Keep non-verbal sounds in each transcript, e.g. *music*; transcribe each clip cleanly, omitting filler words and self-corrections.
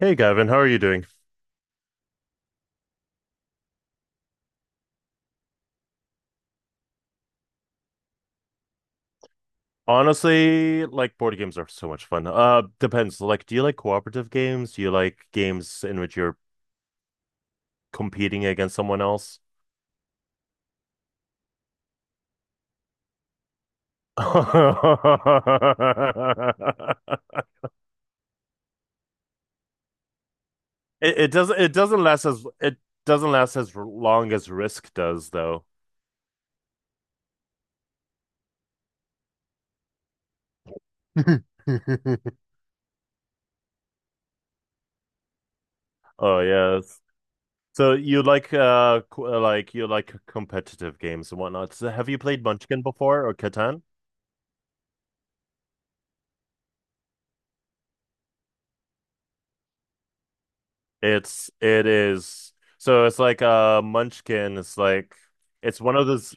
Hey Gavin, how are you doing? Honestly, like board games are so much fun. Depends. Like, do you like cooperative games? Do you like games in which you're competing against someone else? *laughs* It doesn't last as long as Risk does though. *laughs* Oh yes. So you like like you like competitive games and whatnot. So have you played Munchkin before or Catan? It's it is so it's like a Munchkin. It's like it's one of those.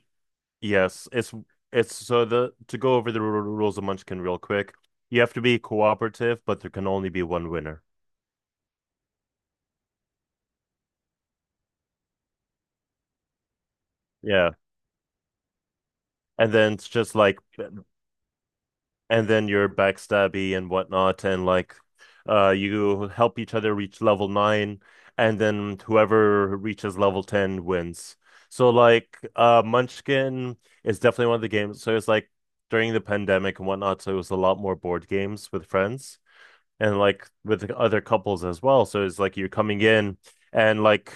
Yes, it's so the to go over the rules of Munchkin real quick. You have to be cooperative, but there can only be one winner. Yeah, and then it's just like and then you're backstabby and whatnot, and like you help each other reach level nine, and then whoever reaches level ten wins. So like Munchkin is definitely one of the games. So it's like during the pandemic and whatnot, so it was a lot more board games with friends and like with other couples as well. So it's like you're coming in and like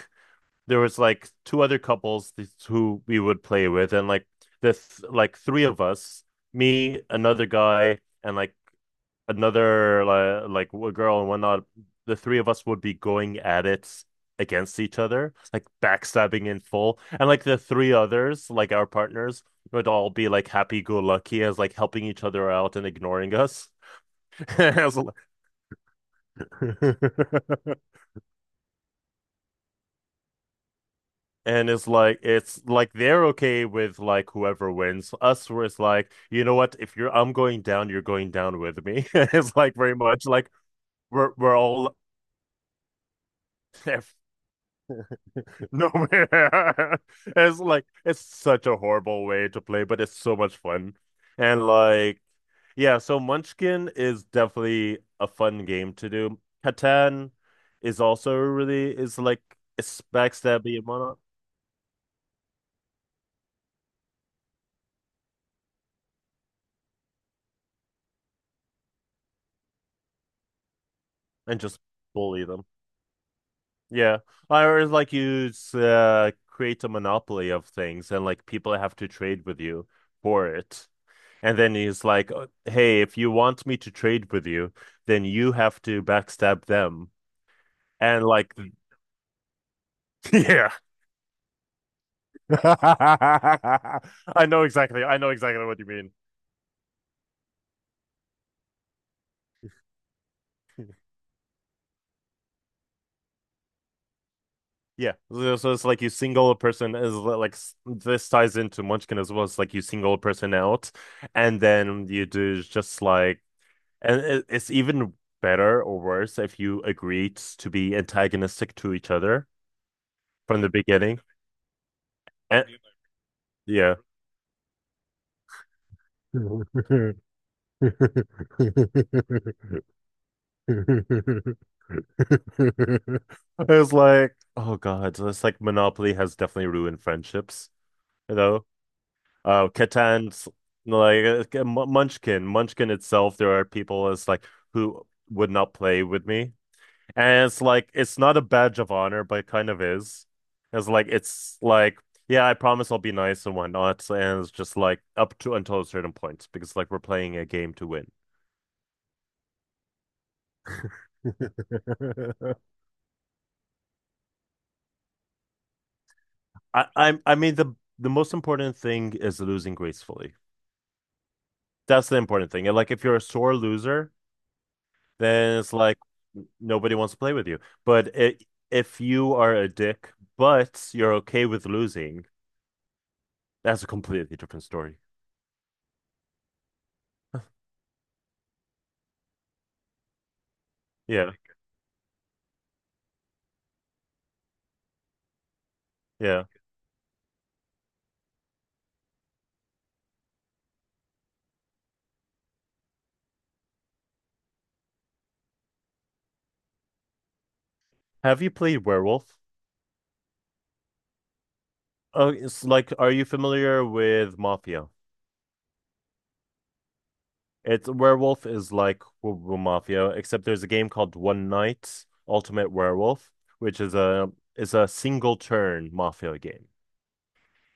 there was like two other couples who we would play with, and like this, like three of us, me, another guy, and like another like a girl and whatnot. The three of us would be going at it against each other, like backstabbing in full, and like the three others, like our partners, would all be like happy go lucky as like helping each other out and ignoring us. *laughs* I was like- *laughs* And it's like they're okay with like whoever wins. Us where it's like, you know what, if you're I'm going down, you're going down with me. *laughs* It's like very much like we're all *laughs* nowhere. *laughs* It's like it's such a horrible way to play, but it's so much fun. And like yeah, so Munchkin is definitely a fun game to do. Catan is also really is like it's backstabby and whatnot, and just bully them. Yeah. Or it's like you create a monopoly of things and like people have to trade with you for it. And then he's like, Hey, if you want me to trade with you, then you have to backstab them." And like, *laughs* yeah. *laughs* I know exactly. I know exactly what you mean. Yeah. So so it's like you single a person is li- like s- this ties into Munchkin as well. It's like you single a person out and then you do is just like. And it's even better or worse if you agreed to be antagonistic to each other from the beginning. And, yeah. *laughs* I was like, oh God, so it's like Monopoly has definitely ruined friendships, you know? Catan's like Munchkin itself, there are people as like who would not play with me. And it's like it's not a badge of honor, but it kind of is. It's like, yeah, I promise I'll be nice and whatnot. And it's just like up to until a certain point because like we're playing a game to win. *laughs* I mean the most important thing is losing gracefully. That's the important thing. And like if you're a sore loser, then it's like nobody wants to play with you. But it, if you are a dick, but you're okay with losing, that's a completely different story. Yeah, yeah. Have you played Werewolf? Oh, it's like, are you familiar with Mafia? It's Werewolf is like Mafia, except there's a game called One Night Ultimate Werewolf, which is a single turn Mafia game.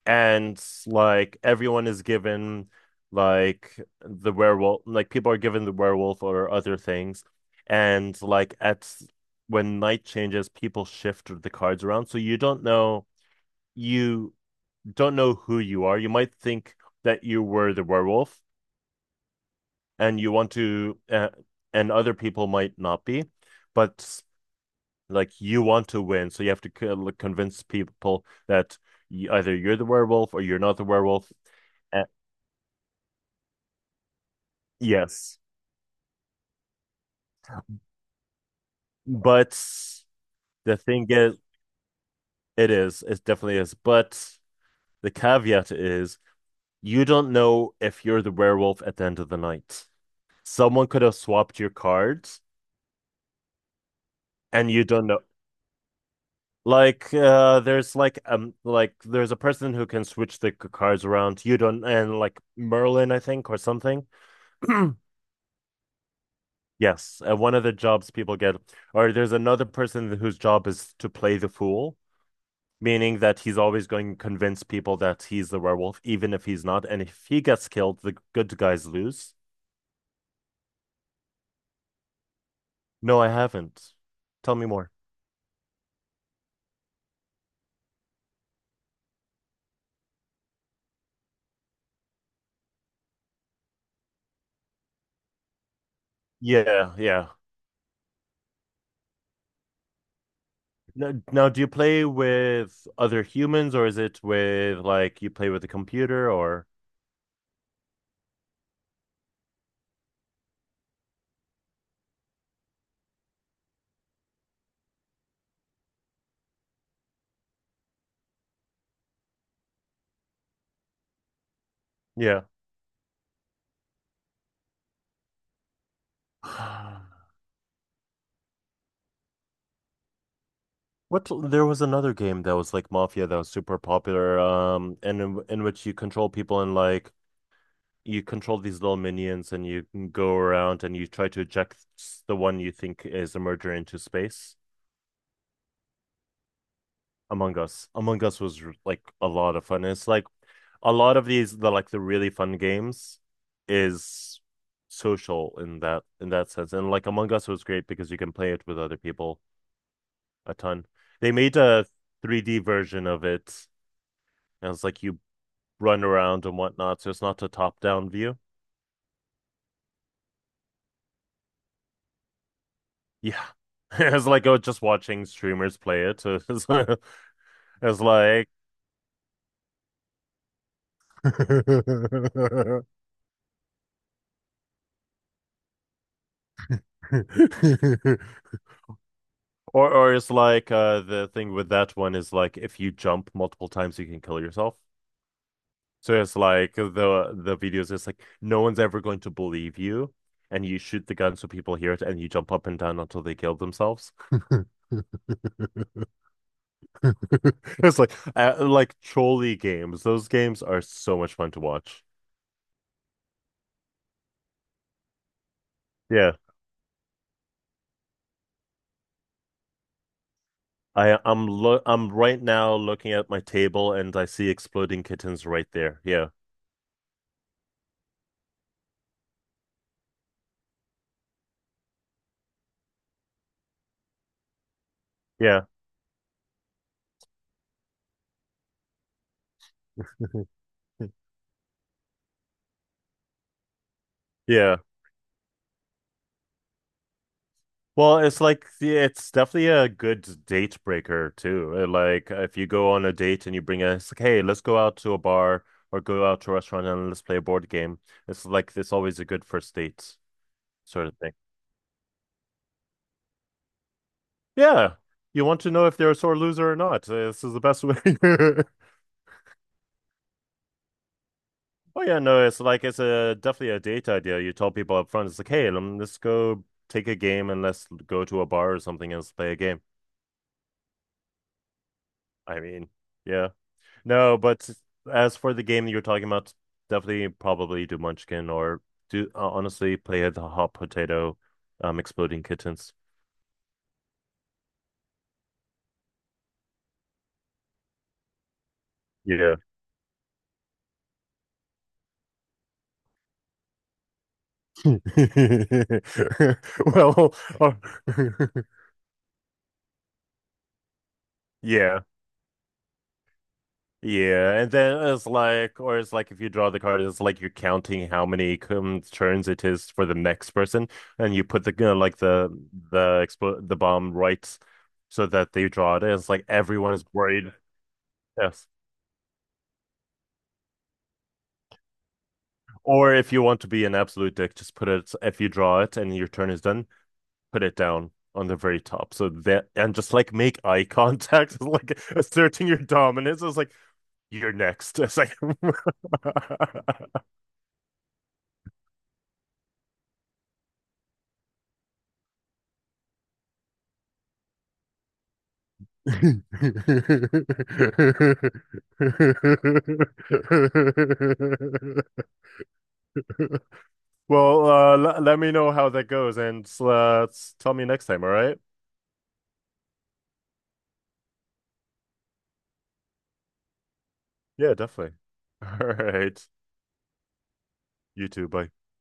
And like everyone is given like the werewolf, like people are given the werewolf or other things, and like at when night changes, people shift the cards around, so you don't know who you are. You might think that you were the werewolf, and you want to, and other people might not be, but like you want to win, so you have to convince people that either you're the werewolf or you're not the werewolf. Uh, yes, but the thing is, it definitely is. But the caveat is, you don't know if you're the werewolf at the end of the night. Someone could have swapped your cards, and you don't know. Like there's like there's a person who can switch the cards around. You don't and like Merlin, I think, or something. *clears throat* Yes, one of the jobs people get, or there's another person whose job is to play the fool, meaning that he's always going to convince people that he's the werewolf, even if he's not. And if he gets killed, the good guys lose. No, I haven't. Tell me more. Yeah, yeah. Now, do you play with other humans, or is it with like you play with a computer, or? Yeah. *sighs* What there was another game that was like Mafia that was super popular, and in which you control people and like you control these little minions and you can go around and you try to eject the one you think is a murderer into space. Among Us. Among Us was like a lot of fun. It's like a lot of these the like the really fun games is social in that sense. And like Among Us was great because you can play it with other people a ton. They made a 3D version of it. And it's like you run around and whatnot, so it's not a top-down view. Yeah. *laughs* It's like oh, just watching streamers play it. *laughs* So it's like *laughs* or or it's like the thing with that one is like if you jump multiple times you can kill yourself. So it's like the videos is like no one's ever going to believe you, and you shoot the gun so people hear it, and you jump up and down until they kill themselves. *laughs* It's like trolley games. Those games are so much fun to watch. Yeah, I I'm lo I'm right now looking at my table and I see exploding kittens right there. Yeah, yeah, *laughs* yeah. Well, it's like it's definitely a good date breaker too. Like if you go on a date and it's like, hey, let's go out to a bar or go out to a restaurant and let's play a board game. It's like it's always a good first date sort of thing. Yeah, you want to know if they're a sore loser or not. This is the best way. *laughs* Oh yeah, no, it's like it's a definitely a date idea. You tell people up front, it's like, hey, let's go take a game and let's go to a bar or something and let's play a game. I mean, yeah. No, but as for the game you're talking about, definitely probably do Munchkin or do honestly play the hot potato, exploding kittens. Yeah. *laughs* Well, or- *laughs* yeah, yeah, and then it's like, or it's like if you draw the card, it's like you're counting how many turns it is for the next person, and you put the you know, like the bomb right so that they draw it. And it's like everyone is worried. Yes. Or if you want to be an absolute dick, if you draw it and your turn is done, put it down on the very top. So that, and just like make eye *laughs* contact, like asserting your dominance. It's like, you're next. It's like, *laughs* well, let me know how that goes and tell me next time. All right. Yeah, definitely. *laughs* All right. You too. Bye.